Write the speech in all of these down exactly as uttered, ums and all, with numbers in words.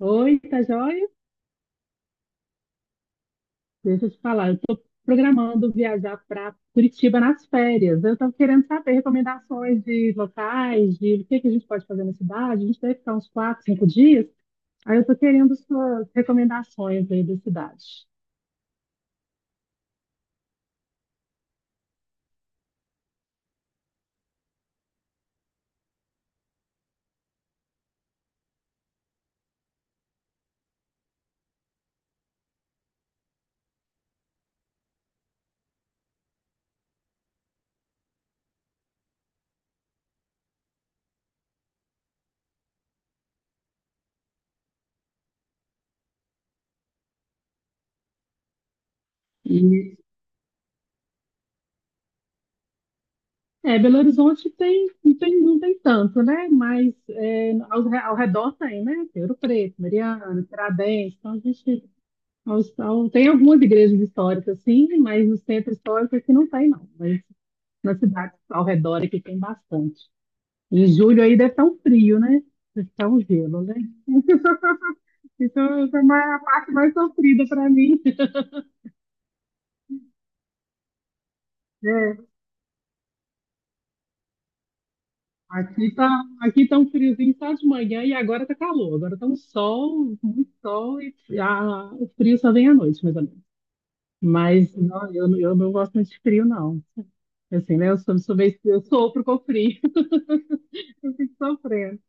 Oi, tá joia? Deixa eu te falar, eu estou programando viajar para Curitiba nas férias. Eu estou querendo saber recomendações de locais, de o que que a gente pode fazer na cidade. A gente deve ficar uns quatro, cinco dias. Aí eu estou querendo suas recomendações aí da cidade. E, é, Belo Horizonte tem, não tem, não tem tanto, né? Mas é, ao, re- ao redor tem, né? Tem Ouro Preto, Mariana, Tiradentes. Então a gente aos- ao- tem algumas igrejas históricas, sim, mas no centro histórico aqui não tem, não. Nas cidades ao redor aqui tem bastante. Em julho aí deve estar um frio, né? Deve estar um gelo, né? Isso é uma- a parte mais sofrida para mim. É, aqui tá, aqui tá um friozinho só de manhã e agora tá calor. Agora tá um sol, muito sol e a- o frio só vem à noite, mais ou menos. Mas não, eu, eu não gosto muito de frio, não. Assim, né? Eu sou, sou meio, eu sofro com frio. Eu fico sofrendo.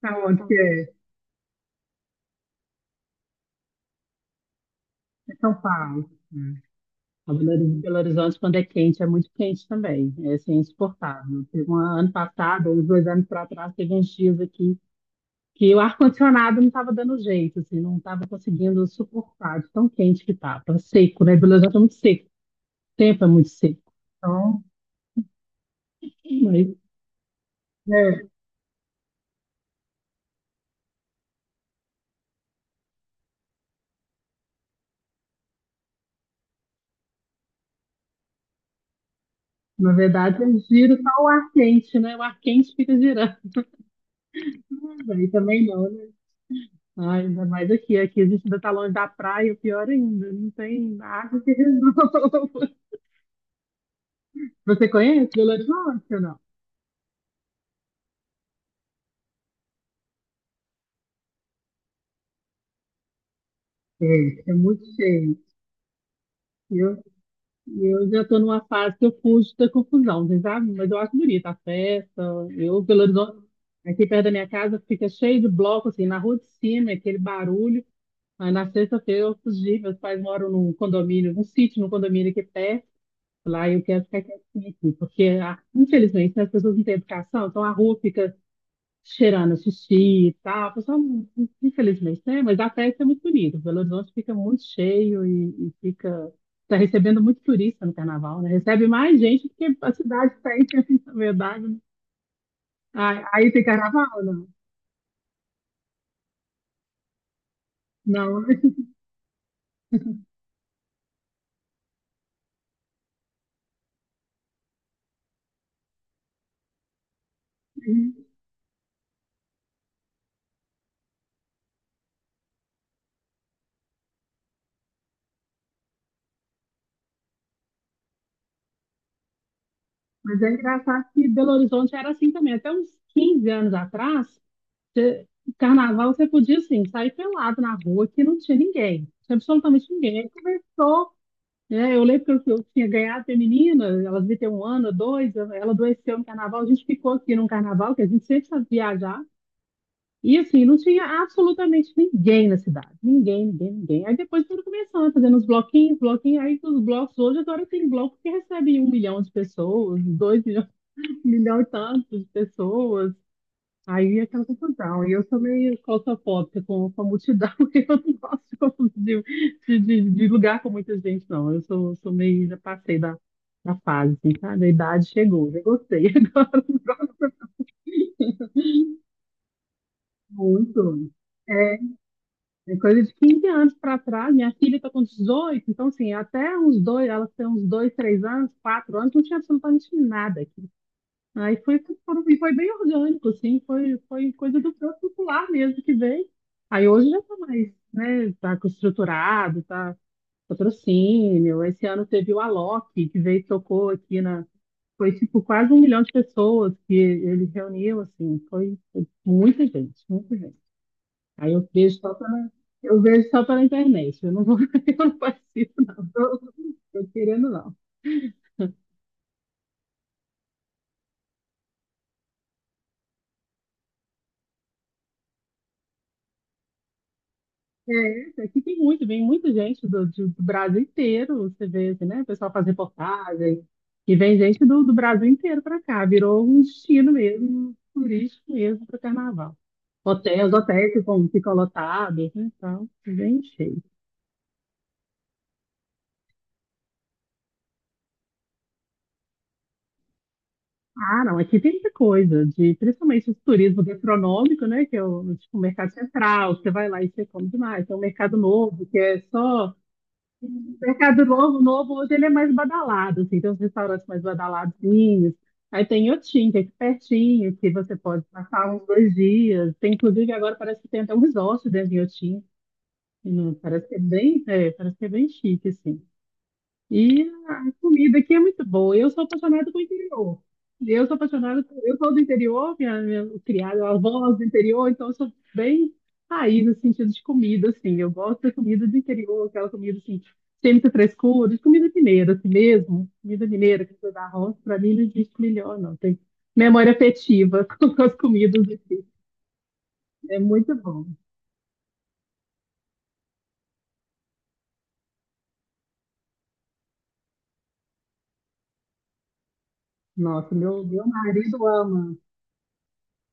Tá onde que é? É São Paulo. A Belo Belo Horizonte, quando é quente, é muito quente também. É assim, é insuportável. Teve um ano passado, ou uns dois anos para trás, teve uns dias aqui que o ar-condicionado não estava dando jeito, assim, não estava conseguindo suportar de tão quente que estava. Seco, né? Belo Horizonte é muito seco, o tempo é muito seco. Então, mas, é, na verdade, eu giro só o ar quente, né? O ar quente fica girando. Aí também não, né? Ah, ainda mais aqui. Aqui a gente ainda está longe da praia, o pior ainda. Não tem água que resolva. Você conhece Belo Horizonte ou não? É, é muito cheio. Eu, eu já estou numa fase que eu fujo da confusão, vocês sabem? Mas eu acho bonita a festa. Eu, Belo Horizonte, aqui perto da minha casa, fica cheio de bloco, assim, na rua de cima, aquele barulho. Mas na sexta-feira eu fugi, meus pais moram num condomínio, num sítio, num condomínio aqui perto. Lá eu quero ficar quietinha aqui, porque, ah, infelizmente, né, as pessoas não têm educação, então a rua fica cheirando a xixi e tal. Pessoal, infelizmente, né? Mas a festa é muito bonita. Belo Horizonte fica muito cheio e, e fica. está recebendo muito turista no carnaval, né? Recebe mais gente do que a cidade tem, na verdade, né? Aí, aí tem carnaval, não? Não, não é assim. Mas é engraçado que Belo Horizonte era assim também. Até uns quinze anos atrás, você- carnaval você podia, assim, sair pelado na rua que não tinha ninguém. Tinha absolutamente ninguém. Aí começou. É, eu lembro que eu, que eu tinha ganhado a menina, ela devia ter um ano, dois, eu- ela adoeceu no carnaval, a gente ficou aqui num carnaval, que a gente sempre sabe viajar, e assim, não tinha absolutamente ninguém na cidade, ninguém, ninguém, ninguém. Aí depois foram começando, fazendo uns bloquinhos, bloquinhos, aí os blocos, hoje agora tem bloco que recebe um milhão de pessoas, dois milhões, um milhão e tantos de pessoas. Aí é aquela confusão. E eu sou meio claustrofóbica com, com a multidão, eu não gosto de, de, de- de lugar com muita gente, não. Eu sou, sou meio, já passei da, da fase, assim, sabe? A idade chegou, já gostei agora muito. É, é coisa de quinze anos para trás. Minha filha está com dezoito, então, assim, até uns dois, ela tem uns dois, três anos, quatro anos, não tinha absolutamente nada. Aí foi, tudo- e foi bem orgânico, assim, foi, foi coisa do próprio popular mesmo que veio. Aí hoje já está mais, né, tá com estruturado, tá patrocínio. Esse ano teve o Alok, que veio e tocou aqui na, foi tipo quase um milhão de pessoas que ele reuniu, assim, foi, foi muita gente, muita gente. Aí eu vejo só pela, eu vejo só pela internet, eu não vou, eu não participo, não, tô, tô querendo não. É, aqui tem muito, vem muita gente do, de- do Brasil inteiro, você vê, assim, né? O pessoal faz reportagem, e vem gente do, do Brasil inteiro para cá, virou um destino mesmo, turístico mesmo para o carnaval. Hotéis, hotéis que vão- ficam lotados, né? Então, bem cheio. Ah, não, aqui tem muita coisa, de, principalmente o turismo gastronômico, né? Que é o, tipo, o mercado central, você vai lá e você come demais. Tem um mercado novo, que é só o Mercado Novo, novo, hoje ele é mais badalado, assim, tem uns restaurantes mais badaladinhos. Aí tem Otim, que é aqui pertinho, que você pode passar uns dois dias. Tem, inclusive, agora parece que tem até um resort dentro de Otim. E não- Parece que é bem, é, parece que é bem chique, assim. E a comida aqui é muito boa. Eu sou apaixonada com o interior. Eu sou apaixonada, por- eu sou do interior, minha, minha criada, minha avó é do interior, então eu sou bem raiz no sentido de comida, assim. Eu gosto da comida do interior, aquela comida assim, sem muita frescura, de comida mineira, assim mesmo. Comida mineira, que da roça, para mim não existe melhor, não. Tem memória afetiva com as comidas aqui. É muito bom. Nossa, meu, meu marido ama.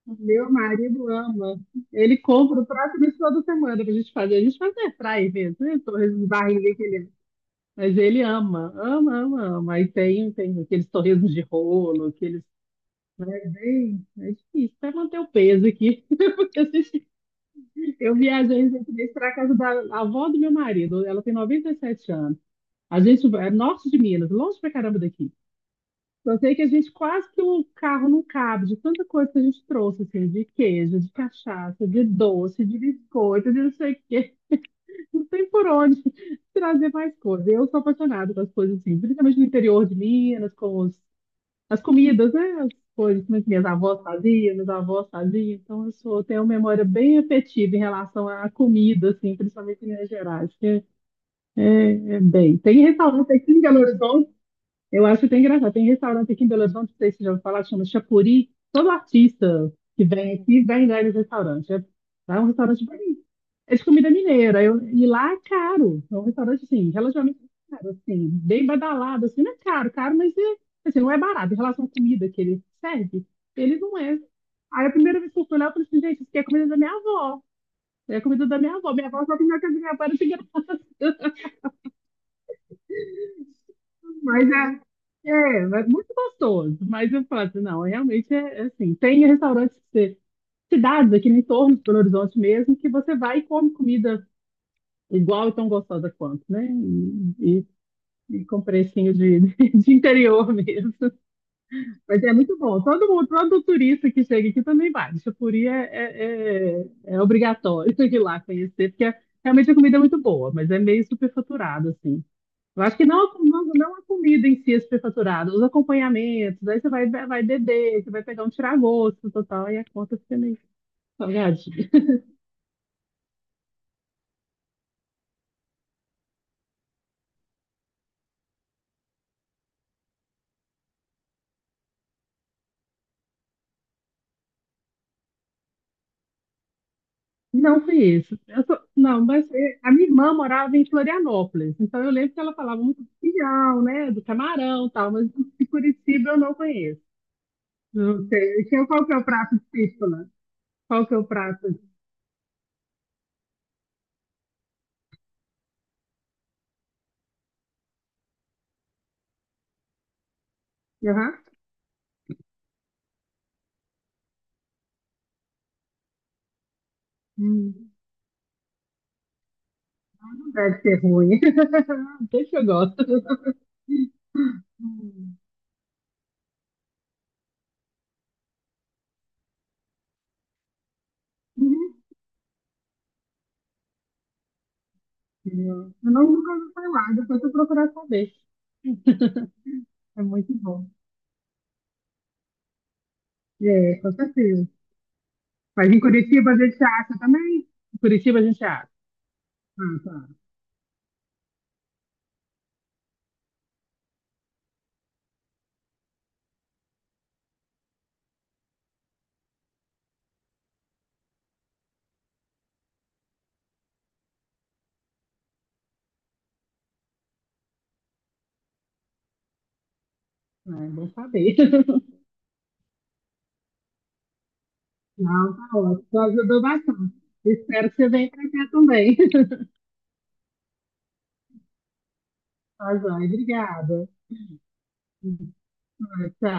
Meu marido ama. Ele compra o prato desse toda semana pra gente fazer. A gente faz air fry mesmo, né? Torresmo de barriga que ele... Mas ele ama, ama, ama, ama. Aí tem, tem aqueles torresmos de rolo, aqueles... né, bem- é difícil até manter o peso aqui. Porque a gente- eu viajei recentemente para casa da avó do meu marido. Ela tem noventa e sete anos. A gente vai é norte de Minas, longe pra caramba daqui. Eu sei que a gente quase que o carro não cabe, de tanta coisa que a gente trouxe, assim, de queijo, de cachaça, de doce, de biscoito, de não sei o quê. Não tem por onde trazer mais coisa. Eu sou apaixonada pelas coisas assim, principalmente no interior de Minas, com os- as comidas, né? As coisas que minhas avós faziam, meus avós faziam. Então, eu sou, tenho uma memória bem afetiva em relação à comida, assim, principalmente em Minas Gerais, que é, é bem. Tem restaurante aqui em Belo Horizonte. Eu acho até engraçado. Tem restaurante aqui em Belo Horizonte, não sei se você já ouviu falar, chama Chapuri. Todo artista que vem aqui vem lá nesse restaurante. É, é um restaurante bonito. É de comida mineira. Eu, e lá é caro. É um restaurante, assim, relativamente caro, assim, bem badalado, assim, não é caro, caro, mas é, assim, não é barato. Em relação à comida que ele serve, ele não é. Aí a primeira vez que eu fui lá, eu falei assim, gente, isso aqui é comida da minha avó. É comida da minha avó. Minha avó só comeu a comida da minha avó, era de graça. Mas é, é, é muito gostoso. Mas eu falo assim, não, realmente é, é assim. Tem restaurantes que você- cidades aqui no entorno de Belo Horizonte mesmo, que você vai e come comida igual e tão gostosa quanto, né? E, e, e com precinho de, de interior mesmo. Mas é muito bom. Todo mundo, todo turista que chega aqui também vai. Xapuri é, é, é, é obrigatório ir lá conhecer, porque é- realmente a comida é muito boa, mas é meio superfaturada, assim. Eu acho que não, a- não, não a comida em si é superfaturada, os acompanhamentos, aí você vai, vai beber, você vai pegar um tiragosto total, aí a conta fica meio salgadinha. Não foi isso. Eu sou- não, mas é, a minha irmã morava em Florianópolis, então eu lembro que ela falava muito do pinhão, né, do camarão e tal, mas de Curitiba eu não conheço. Não sei. Então, qual que é o prato de lá? Qual que é o prato? Aham. Hum, não deve ser ruim. Deixa eu gosto. Hum. Uhum. Eu não nunca ouvi falar, depois eu procurar saber. É muito bom. É, com certeza. Mas em Curitiba a gente acha também? Em Curitiba a gente acha. Ah, tá. É é bom saber. Não, tá ótimo. Tu ajudou bastante. Espero que você venha para cá também. Tá, joia. Obrigada. Ah, tá.